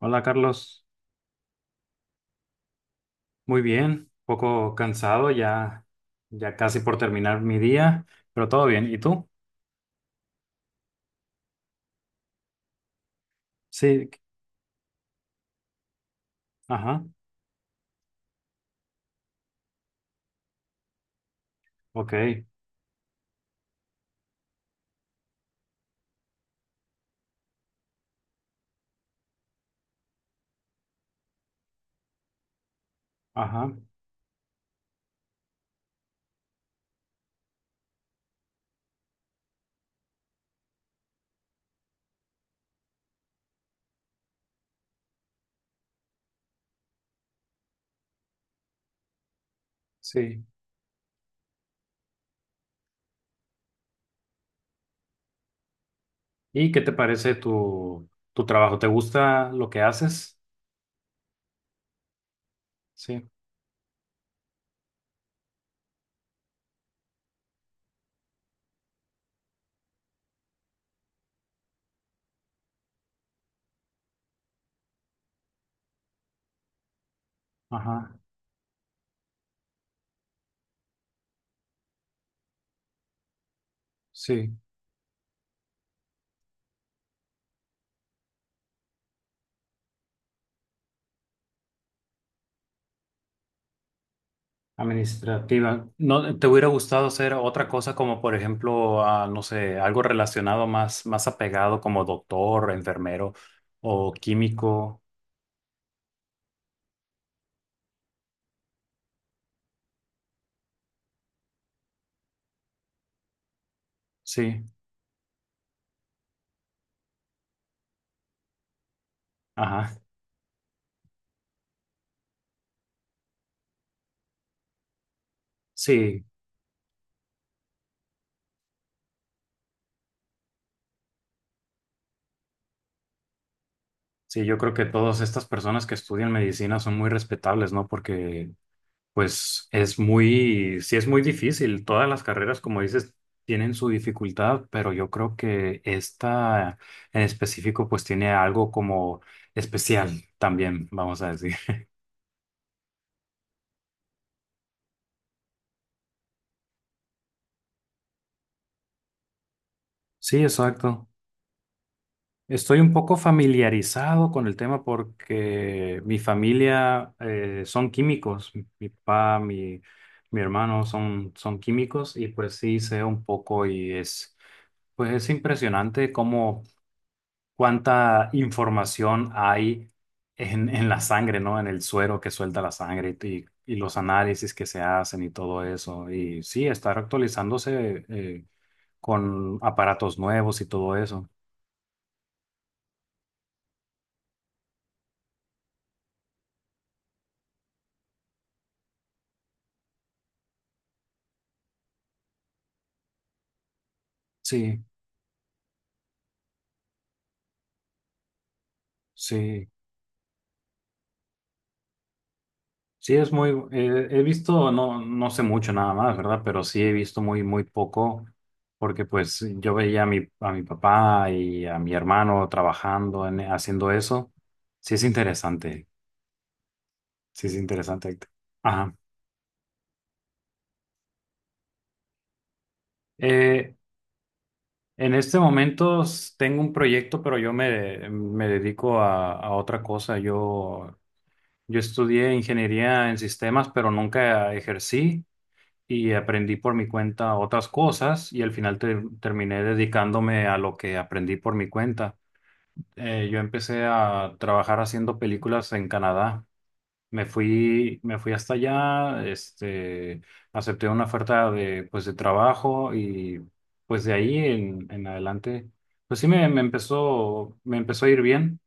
Hola Carlos, muy bien, un poco cansado ya, ya casi por terminar mi día, pero todo bien. ¿Y tú? Sí, ajá, ok, ajá, sí. ¿Y qué te parece tu, tu trabajo? ¿Te gusta lo que haces? Sí, ajá, sí, administrativa. ¿No te hubiera gustado hacer otra cosa como, por ejemplo, ah, no sé, algo relacionado más, más apegado como doctor, enfermero o químico? Sí, ajá. Sí, sí, yo creo que todas estas personas que estudian medicina son muy respetables, ¿no? Porque, pues, es muy, sí es muy difícil. Todas las carreras, como dices, tienen su dificultad, pero yo creo que esta en específico, pues, tiene algo como especial también, vamos a decir. Sí, exacto. Estoy un poco familiarizado con el tema porque mi familia son químicos, mi papá, mi hermano son, son químicos y pues sí sé un poco y es, pues es impresionante cómo cuánta información hay en la sangre, ¿no? En el suero que suelta la sangre y los análisis que se hacen y todo eso. Y sí, estar actualizándose con aparatos nuevos y todo eso. Sí. Sí, sí, es muy, he visto, no, no sé mucho nada más, ¿verdad? Pero sí he visto muy, muy poco, porque pues yo veía a mi papá y a mi hermano trabajando, en, haciendo eso. Sí es interesante, sí es interesante. Héctor. Ajá. Eh, en este momento tengo un proyecto, pero yo me, me dedico a otra cosa. Yo estudié ingeniería en sistemas, pero nunca ejercí. Y aprendí por mi cuenta otras cosas y al final terminé dedicándome a lo que aprendí por mi cuenta. Yo empecé a trabajar haciendo películas en Canadá. Me fui hasta allá, este, acepté una oferta de, pues, de trabajo y pues de ahí en adelante, pues sí me, me empezó a ir bien.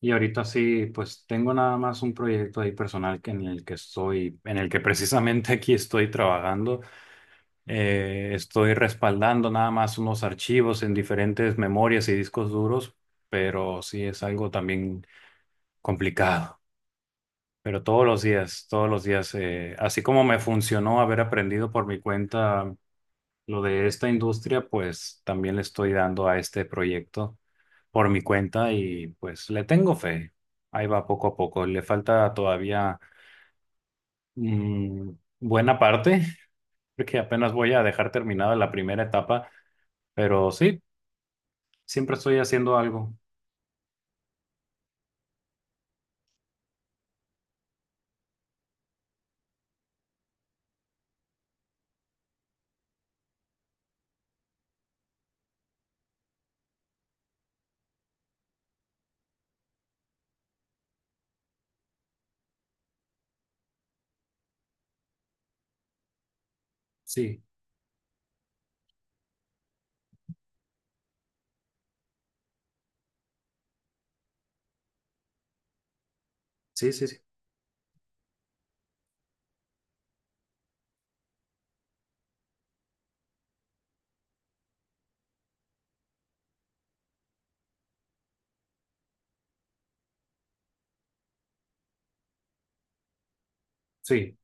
Y ahorita sí, pues tengo nada más un proyecto ahí personal que en el que estoy, en el que precisamente aquí estoy trabajando. Estoy respaldando nada más unos archivos en diferentes memorias y discos duros, pero sí es algo también complicado. Pero todos los días, así como me funcionó haber aprendido por mi cuenta lo de esta industria, pues también le estoy dando a este proyecto por mi cuenta y pues le tengo fe. Ahí va poco a poco. Le falta todavía mm, buena parte, porque apenas voy a dejar terminada la primera etapa. Pero sí, siempre estoy haciendo algo. Sí, sí, sí, sí. Sí,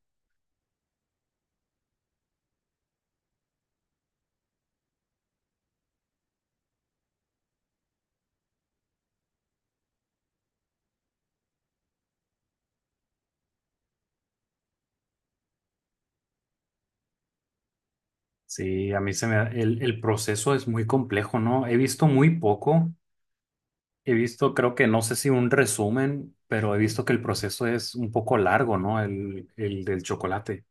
sí, a mí el proceso es muy complejo, ¿no? He visto muy poco. He visto, creo que no sé si un resumen, pero he visto que el proceso es un poco largo, ¿no? El del chocolate.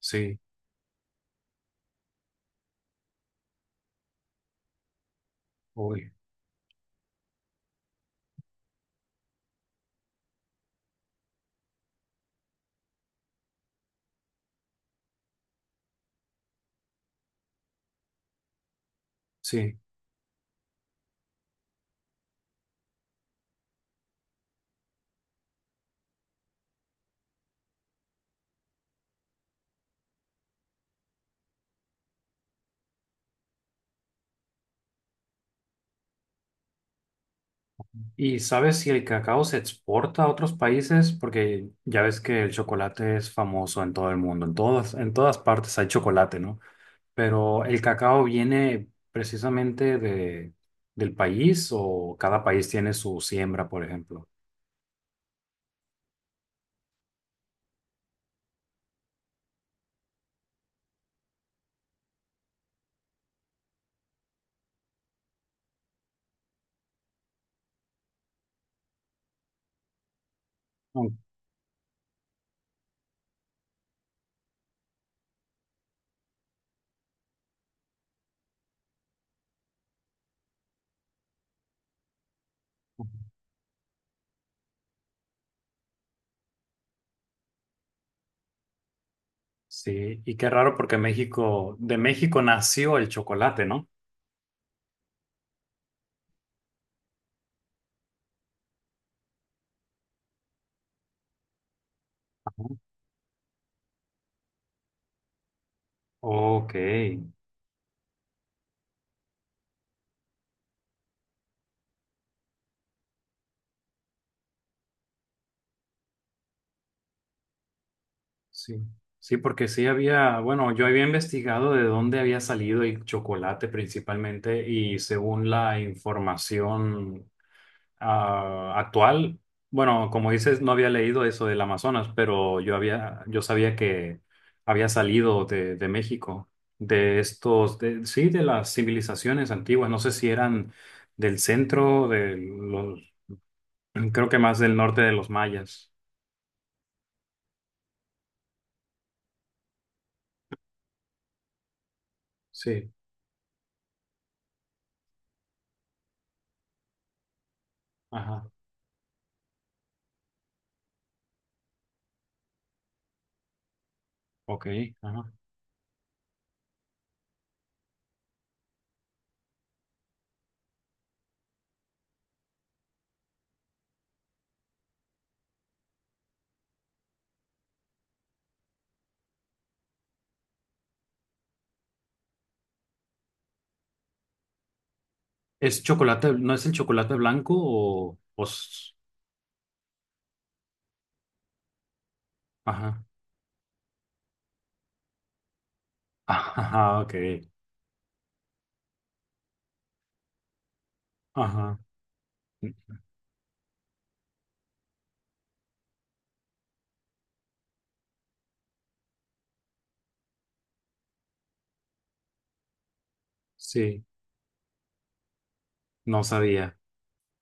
Sí, obvio. Sí. ¿Y sabes si el cacao se exporta a otros países? Porque ya ves que el chocolate es famoso en todo el mundo. En todas partes hay chocolate, ¿no? Pero el cacao viene precisamente de, del país o cada país tiene su siembra, por ejemplo. Mm. Sí, y qué raro porque México, de México nació el chocolate, ¿no? Ajá. Ok, sí. Sí, porque sí había, bueno, yo había investigado de dónde había salido el chocolate principalmente y según la información ah, actual, bueno, como dices, no había leído eso del Amazonas, pero yo había, yo sabía que había salido de México, de estos, sí, de las civilizaciones antiguas. No sé si eran del centro, de los, creo que más del norte de los mayas. Sí, ajá, ok, ajá. ¿Es chocolate, no es el chocolate blanco o, ajá, ajá, ok, ajá, sí, no sabía.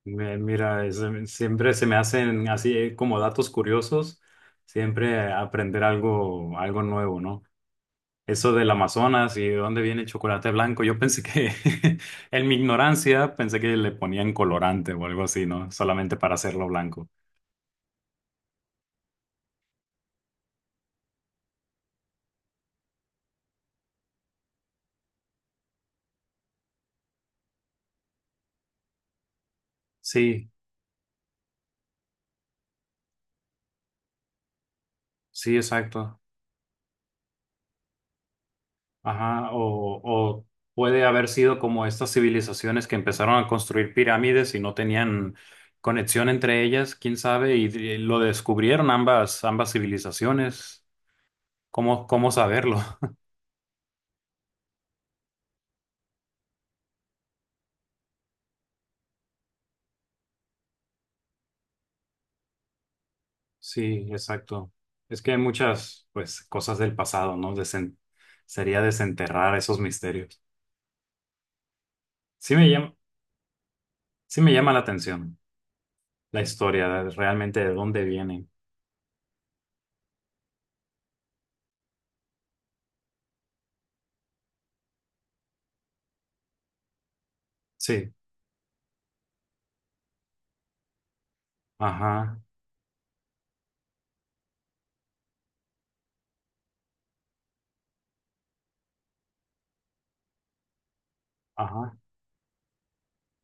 Mira, siempre se me hacen así como datos curiosos, siempre aprender algo, algo nuevo, ¿no? Eso del Amazonas y de dónde viene el chocolate blanco, yo pensé que, en mi ignorancia, pensé que le ponían colorante o algo así, ¿no? Solamente para hacerlo blanco. Sí, sí, exacto. Ajá, o puede haber sido como estas civilizaciones que empezaron a construir pirámides y no tenían conexión entre ellas, quién sabe, lo descubrieron ambas, ambas civilizaciones. ¿Cómo, cómo saberlo? Sí, exacto. Es que hay muchas, pues, cosas del pasado, ¿no? Sería desenterrar esos misterios. Sí me llama, sí me llama la atención la historia, realmente de dónde vienen. Sí, ajá, ajá,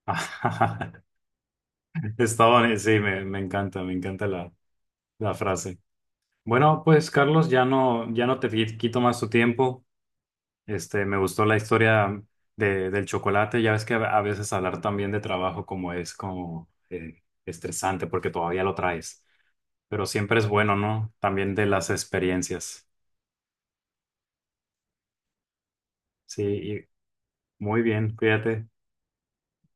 ajá. Sí, me, me encanta la, la frase. Bueno, pues Carlos, ya no, ya no te quito más tu tiempo. Este, me gustó la historia de, del chocolate. Ya ves que a veces hablar también de trabajo como es como estresante porque todavía lo traes. Pero siempre es bueno, ¿no? También de las experiencias. Sí, y muy bien, cuídate.